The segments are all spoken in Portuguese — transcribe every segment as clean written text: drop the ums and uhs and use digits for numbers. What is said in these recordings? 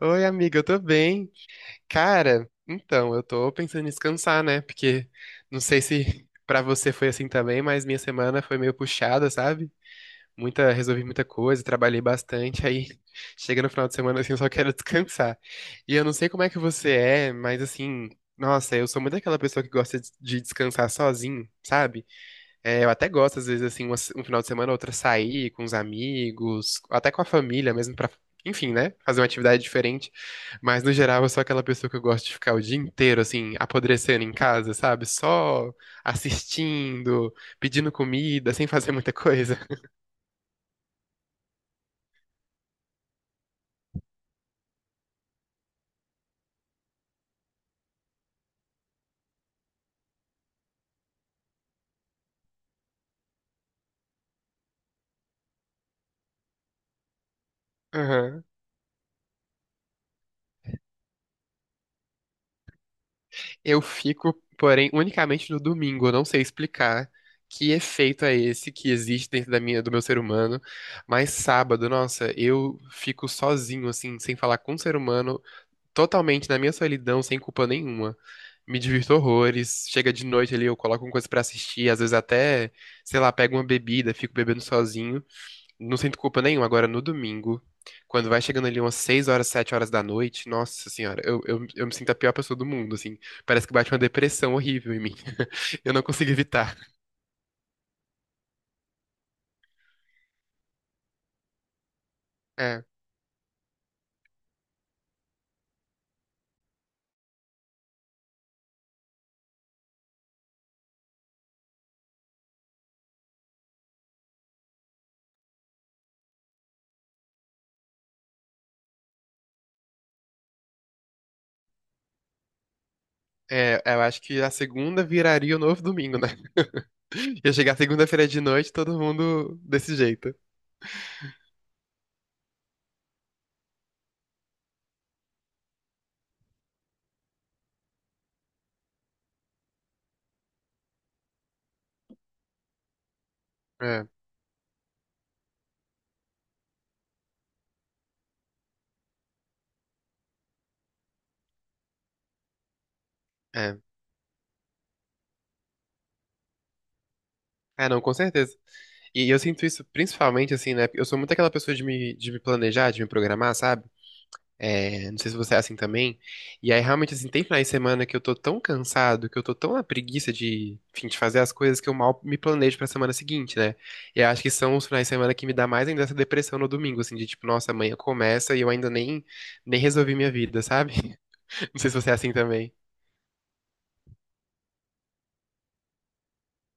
Oi, amiga, eu tô bem. Cara, então, eu tô pensando em descansar, né? Porque não sei se pra você foi assim também, mas minha semana foi meio puxada, sabe? Muita, resolvi muita coisa, trabalhei bastante, aí chega no final de semana assim, eu só quero descansar. E eu não sei como é que você é, mas assim, nossa, eu sou muito aquela pessoa que gosta de descansar sozinho, sabe? É, eu até gosto, às vezes, assim, uma se- um final de semana, outra sair com os amigos, até com a família mesmo, pra, enfim, né? Fazer uma atividade diferente. Mas, no geral, eu sou aquela pessoa que eu gosto de ficar o dia inteiro, assim, apodrecendo em casa, sabe? Só assistindo, pedindo comida, sem fazer muita coisa. Aham. Eu fico, porém, unicamente no domingo. Eu não sei explicar que efeito é esse que existe dentro do meu ser humano. Mas sábado, nossa, eu fico sozinho, assim, sem falar com o ser humano, totalmente na minha solidão, sem culpa nenhuma. Me divirto horrores. Chega de noite ali, eu coloco uma coisa pra assistir, às vezes até, sei lá, pego uma bebida, fico bebendo sozinho. Não sinto culpa nenhuma. Agora, no domingo, quando vai chegando ali umas 6 horas, 7 horas da noite, nossa senhora, eu me sinto a pior pessoa do mundo, assim. Parece que bate uma depressão horrível em mim. Eu não consigo evitar. É. É, eu acho que a segunda viraria o novo domingo, né? Ia chegar segunda-feira de noite, todo mundo desse jeito. É, é. É, não, com certeza. E eu sinto isso principalmente assim, né? Eu sou muito aquela pessoa de me planejar, de me programar, sabe? É, não sei se você é assim também. E aí, realmente, assim, tem finais de semana que eu tô tão cansado, que eu tô tão na preguiça de, enfim, de fazer as coisas que eu mal me planejo pra semana seguinte, né? E eu acho que são os finais de semana que me dá mais ainda essa depressão no domingo, assim, de tipo, nossa, amanhã começa e eu ainda nem, nem resolvi minha vida, sabe? Não sei se você é assim também.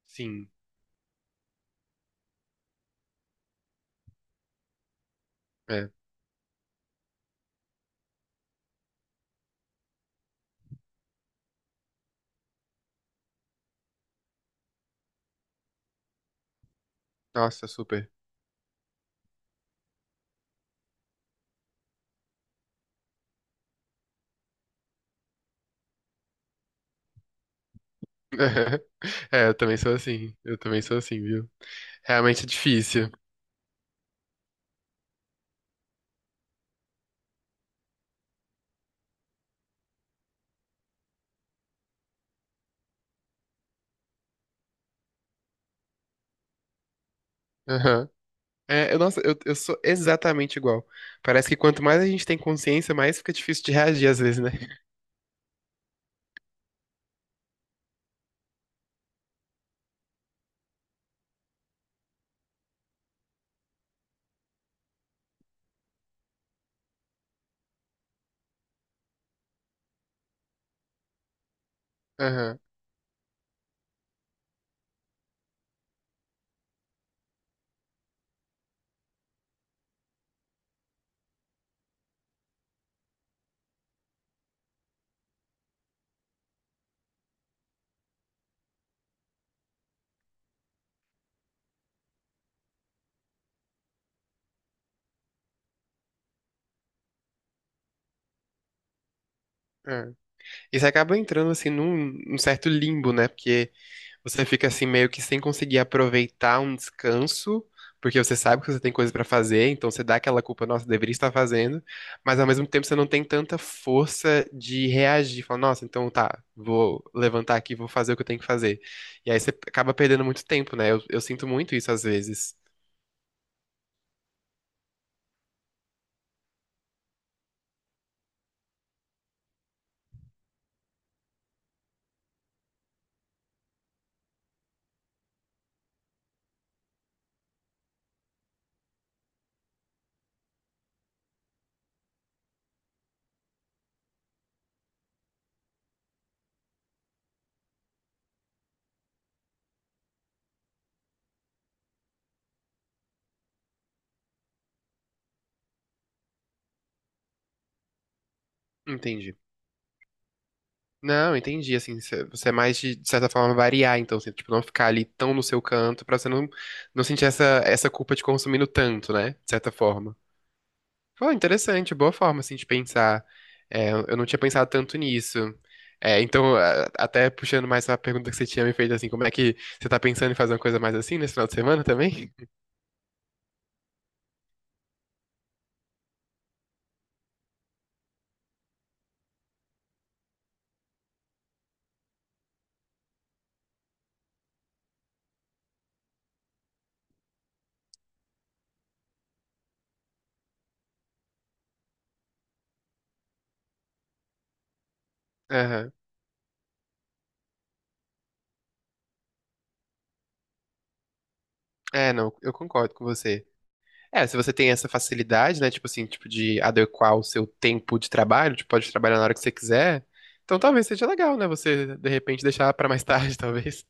Sim, é. Nossa, super. É, eu também sou assim. Eu também sou assim, viu? Realmente é difícil. Aham. É, eu sou exatamente igual. Parece que quanto mais a gente tem consciência, mais fica difícil de reagir às vezes, né? Aham. É. E você acaba entrando assim num certo limbo, né? Porque você fica assim meio que sem conseguir aproveitar um descanso, porque você sabe que você tem coisa pra fazer, então você dá aquela culpa, nossa, deveria estar fazendo, mas ao mesmo tempo você não tem tanta força de reagir, falar, nossa, então tá, vou levantar aqui, vou fazer o que eu tenho que fazer. E aí você acaba perdendo muito tempo, né? Eu sinto muito isso às vezes. Entendi. Não, entendi, assim, você é mais de certa forma variar, então, assim, tipo, não ficar ali tão no seu canto, pra você não, não sentir essa culpa de consumindo tanto, né? De certa forma. Pô, interessante, boa forma, assim, de pensar. É, eu não tinha pensado tanto nisso. É, então, até puxando mais a pergunta que você tinha me feito, assim, como é que você tá pensando em fazer uma coisa mais assim nesse final de semana também? Aham. É, não, eu concordo com você. É, se você tem essa facilidade, né, tipo assim, tipo de adequar o seu tempo de trabalho, tipo, pode trabalhar na hora que você quiser, então talvez seja legal, né, você, de repente, deixar pra mais tarde, talvez.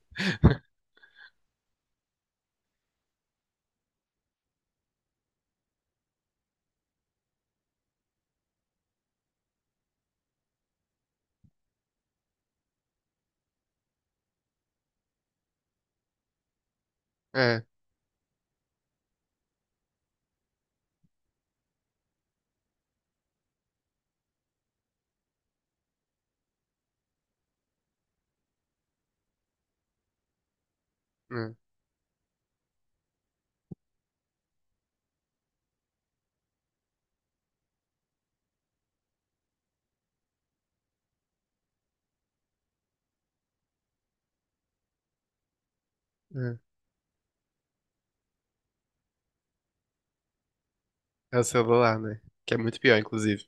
É, é, é. É o celular, né, que é muito pior, inclusive.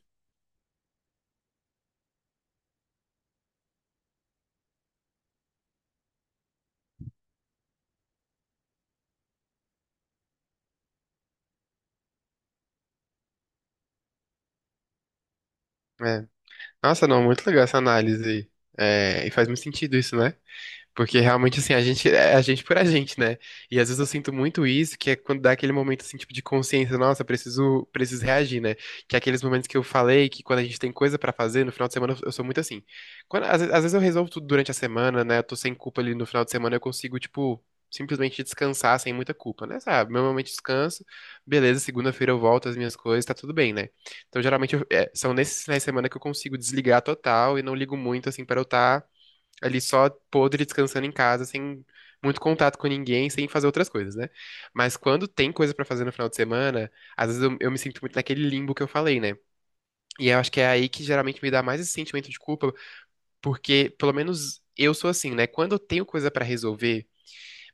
É. Nossa, não, muito legal essa análise aí. É, e faz muito sentido isso, né? Porque realmente, assim, a gente é a gente por a gente, né? E às vezes eu sinto muito isso, que é quando dá aquele momento, assim, tipo, de consciência, nossa, preciso reagir, né? Que é aqueles momentos que eu falei, que quando a gente tem coisa pra fazer, no final de semana eu sou muito assim. Quando, às vezes eu resolvo tudo durante a semana, né? Eu tô sem culpa ali no final de semana, eu consigo, tipo, simplesmente descansar sem muita culpa, né? Sabe? Meu momento de descanso, beleza, segunda-feira eu volto às minhas coisas, tá tudo bem, né? Então, geralmente, é, são nesses finais de semana que eu consigo desligar total e não ligo muito, assim, para eu estar ali só podre, descansando em casa, sem muito contato com ninguém, sem fazer outras coisas, né? Mas quando tem coisa pra fazer no final de semana, às vezes eu me sinto muito naquele limbo que eu falei, né? E eu acho que é aí que geralmente me dá mais esse sentimento de culpa, porque pelo menos eu sou assim, né? Quando eu tenho coisa pra resolver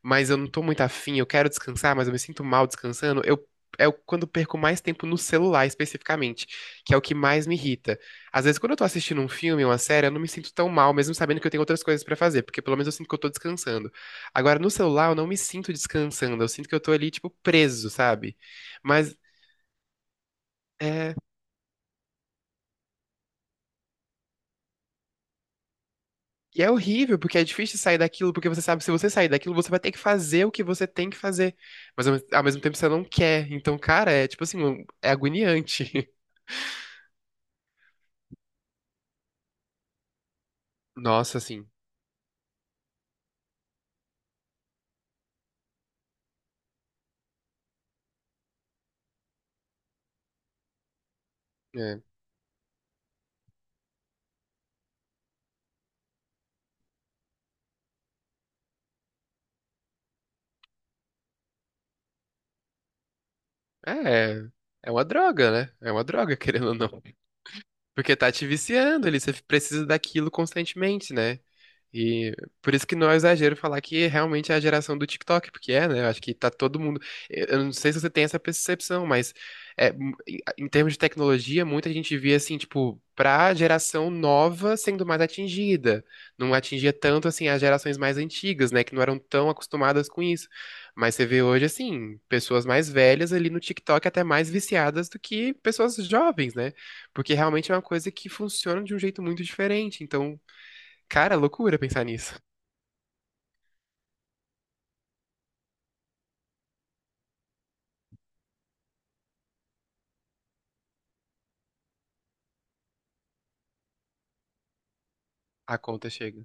mas eu não tô muito afim, eu quero descansar, mas eu me sinto mal descansando, quando eu perco mais tempo no celular especificamente, que é o que mais me irrita. Às vezes, quando eu tô assistindo um filme, uma série, eu não me sinto tão mal, mesmo sabendo que eu tenho outras coisas pra fazer, porque pelo menos eu sinto que eu tô descansando. Agora, no celular, eu não me sinto descansando, eu sinto que eu tô ali, tipo, preso, sabe? Mas é. E é horrível, porque é difícil sair daquilo, porque você sabe que se você sair daquilo, você vai ter que fazer o que você tem que fazer. Mas ao mesmo tempo você não quer. Então, cara, é tipo assim, é agoniante. Nossa, assim. É. É, é uma droga, né? É uma droga, querendo ou não. Porque tá te viciando ali, você precisa daquilo constantemente, né? E por isso que não é exagero falar que realmente é a geração do TikTok, porque é, né? Eu acho que tá todo mundo. Eu não sei se você tem essa percepção, mas é, em termos de tecnologia, muita gente via assim, tipo, pra geração nova sendo mais atingida. Não atingia tanto assim as gerações mais antigas, né? Que não eram tão acostumadas com isso. Mas você vê hoje, assim, pessoas mais velhas ali no TikTok até mais viciadas do que pessoas jovens, né? Porque realmente é uma coisa que funciona de um jeito muito diferente. Então, cara, é loucura pensar nisso. A conta chega.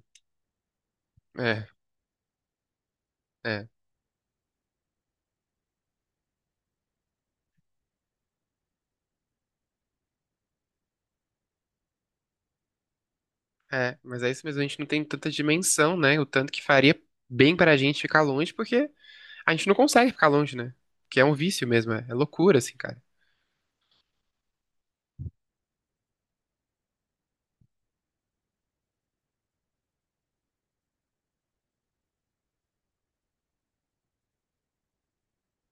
É, é, é. Mas é isso mesmo, a gente não tem tanta dimensão, né? O tanto que faria bem pra gente ficar longe, porque a gente não consegue ficar longe, né? Que é um vício mesmo, é, é loucura, assim, cara.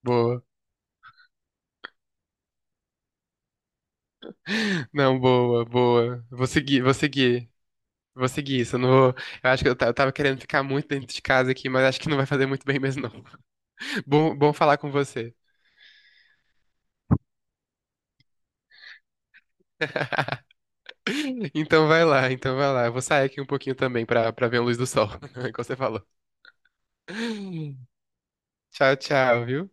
Boa. Não, boa, boa. Vou seguir, vou seguir. Vou seguir isso. Eu, não vou- eu acho que eu tava querendo ficar muito dentro de casa aqui, mas acho que não vai fazer muito bem mesmo, não. Bom, bom falar com você. Então vai lá, então vai lá. Eu vou sair aqui um pouquinho também pra, pra ver a luz do sol, como você falou. Tchau, tchau, viu?